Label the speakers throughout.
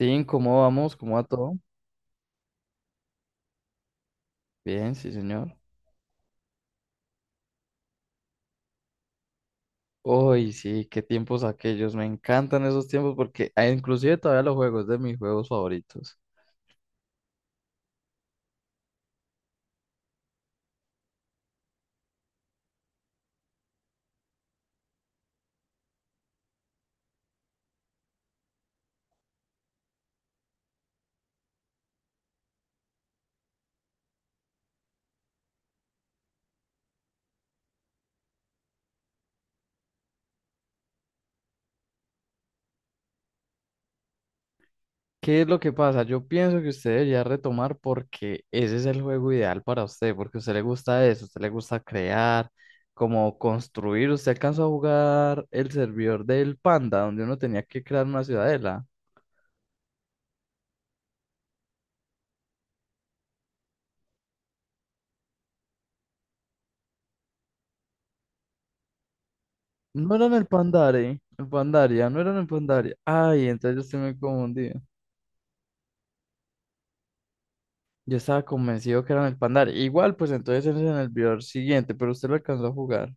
Speaker 1: Sí, ¿cómo vamos? ¿Cómo va todo? Bien, sí, señor. Uy, sí, qué tiempos aquellos. Me encantan esos tiempos porque inclusive todavía los juegos de mis juegos favoritos. ¿Qué es lo que pasa? Yo pienso que usted debería retomar porque ese es el juego ideal para usted, porque a usted le gusta eso, a usted le gusta crear, como construir. Usted alcanzó a jugar el servidor del Panda, donde uno tenía que crear una ciudadela. No era en el Pandare, el Pandaria, no era en el Pandaria. Ay, entonces yo estoy muy confundido. Yo estaba convencido que eran el Pandar. Igual, pues entonces ese es en el video siguiente, pero usted lo alcanzó a jugar.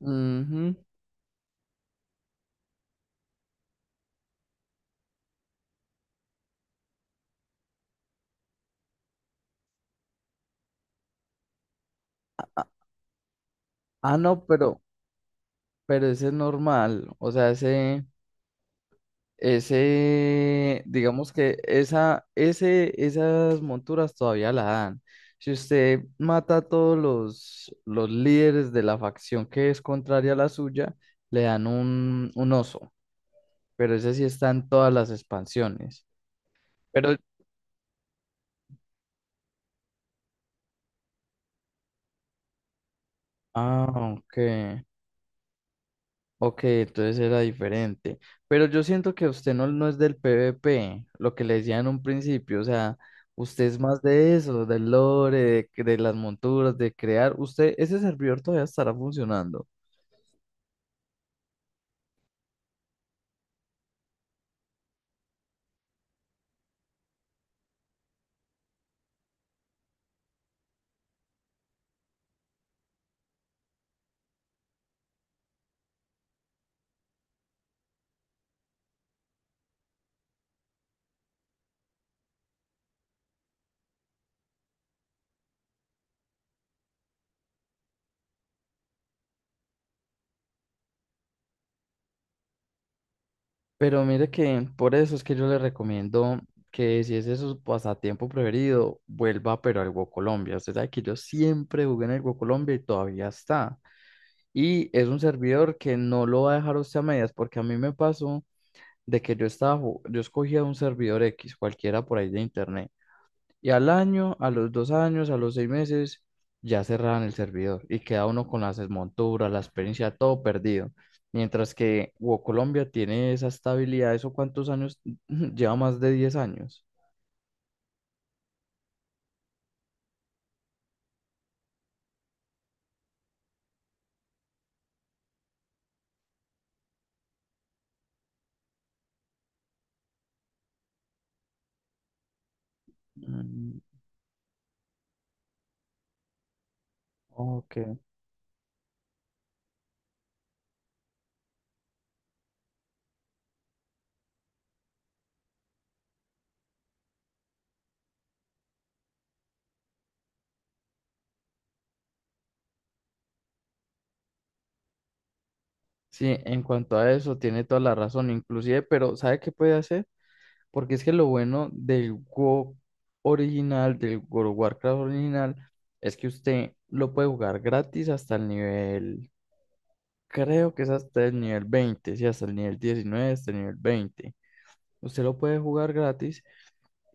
Speaker 1: Ujú. Ah, no, pero ese es normal. O sea, digamos que ese, esas monturas todavía la dan. Si usted mata a todos los líderes de la facción que es contraria a la suya, le dan un oso. Pero ese sí está en todas las expansiones. Pero, ah, ok. Ok, entonces era diferente. Pero yo siento que usted no, no es del PvP, lo que le decía en un principio. O sea, usted es más de eso, del lore, de las monturas, de crear. Usted, ese servidor todavía estará funcionando. Pero mire que por eso es que yo le recomiendo que si ese es su pasatiempo preferido, vuelva pero al Go Colombia. Usted sabe que yo siempre jugué en el Go Colombia y todavía está. Y es un servidor que no lo va a dejar a usted a medias, porque a mí me pasó, de que yo yo escogía un servidor X, cualquiera por ahí de internet, y al año, a los dos años, a los seis meses, ya cerraban el servidor y queda uno con las desmonturas, la experiencia, todo perdido. Mientras que WoW Colombia tiene esa estabilidad, ¿eso cuántos años? Lleva más de 10 años. Mm, ok. Sí, en cuanto a eso, tiene toda la razón, inclusive, pero ¿sabe qué puede hacer? Porque es que lo bueno del WoW original, del World of Warcraft original, es que usted lo puede jugar gratis hasta el nivel, creo que es hasta el nivel 20 sí, hasta el nivel 19 hasta el nivel veinte. Usted lo puede jugar gratis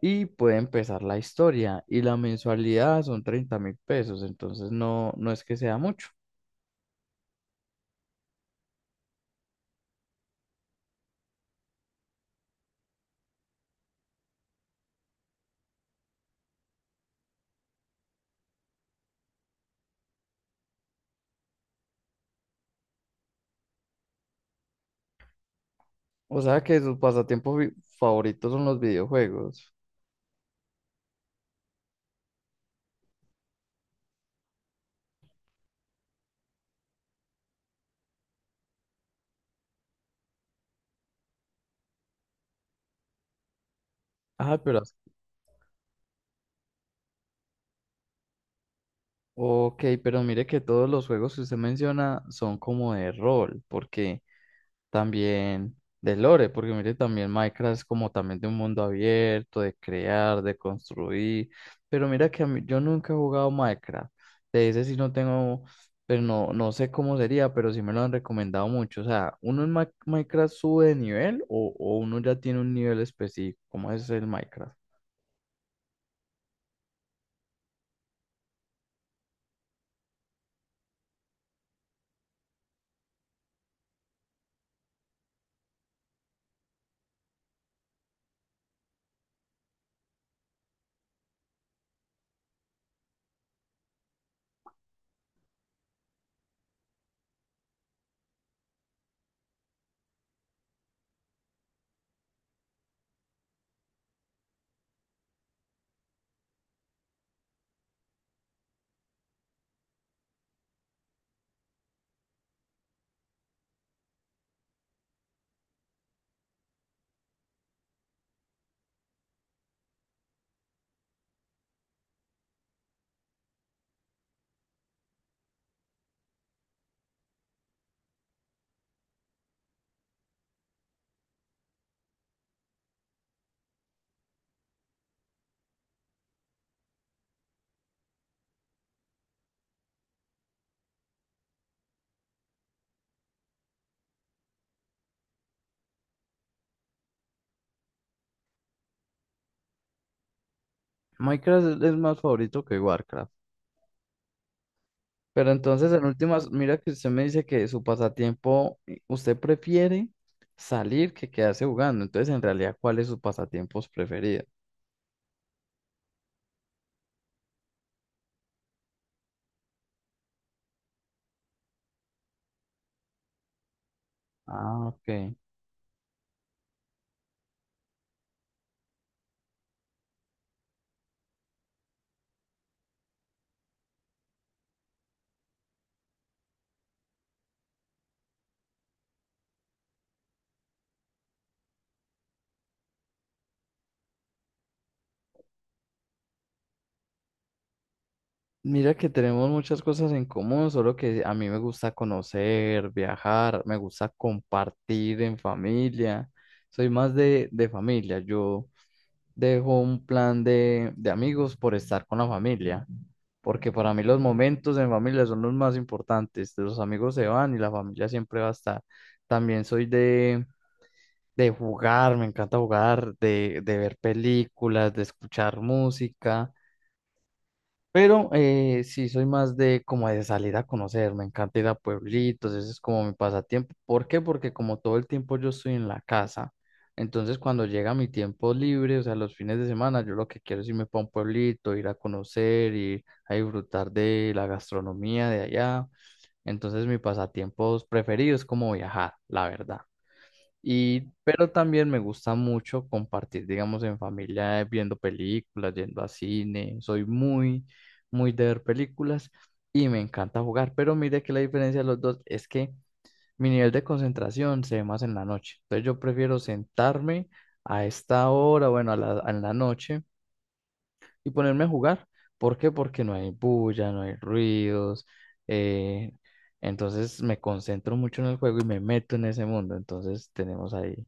Speaker 1: y puede empezar la historia. Y la mensualidad son 30.000 pesos, entonces no es que sea mucho. O sea que sus favoritos son los videojuegos. Ah, pero ok, pero mire que todos los juegos que usted menciona son como de rol, porque también de lore, porque mire también Minecraft es como también de un mundo abierto, de crear, de construir, pero mira que yo nunca he jugado Minecraft, de ese sí no tengo, pero no, no sé cómo sería, pero sí me lo han recomendado mucho, o sea, ¿uno en Minecraft sube de nivel o uno ya tiene un nivel específico? ¿Cómo es el Minecraft? Minecraft es más favorito que Warcraft. Pero entonces, en últimas, mira que usted me dice que su pasatiempo, usted prefiere salir que quedarse jugando. Entonces, en realidad, ¿cuáles son sus pasatiempos preferidos? Ah, ok. Mira que tenemos muchas cosas en común, solo que a mí me gusta conocer, viajar, me gusta compartir en familia. Soy más de familia. Yo dejo un plan de amigos por estar con la familia, porque para mí los momentos en familia son los más importantes. Los amigos se van y la familia siempre va a estar. También soy de jugar, me encanta jugar, de ver películas, de escuchar música. Pero sí, soy más de como de salir a conocer, me encanta ir a pueblitos, ese es como mi pasatiempo. ¿Por qué? Porque como todo el tiempo yo estoy en la casa, entonces cuando llega mi tiempo libre, o sea, los fines de semana, yo lo que quiero es irme para un pueblito, ir a conocer, ir a disfrutar de la gastronomía de allá. Entonces mi pasatiempos preferidos es como viajar, la verdad. Y, pero también me gusta mucho compartir, digamos, en familia, viendo películas, yendo a cine. Soy muy, muy de ver películas y me encanta jugar. Pero mire que la diferencia de los dos es que mi nivel de concentración se ve más en la noche. Entonces yo prefiero sentarme a esta hora, bueno, en la noche y ponerme a jugar. ¿Por qué? Porque no hay bulla, no hay ruidos. eh, entonces me concentro mucho en el juego y me meto en ese mundo. Entonces tenemos ahí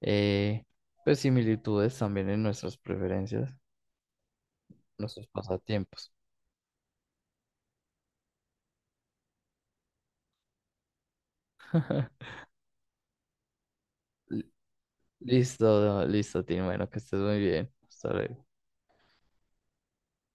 Speaker 1: eh, pues similitudes también en nuestras preferencias, nuestros pasatiempos. Listo, listo, Tim. Bueno, que estés muy bien. Hasta luego.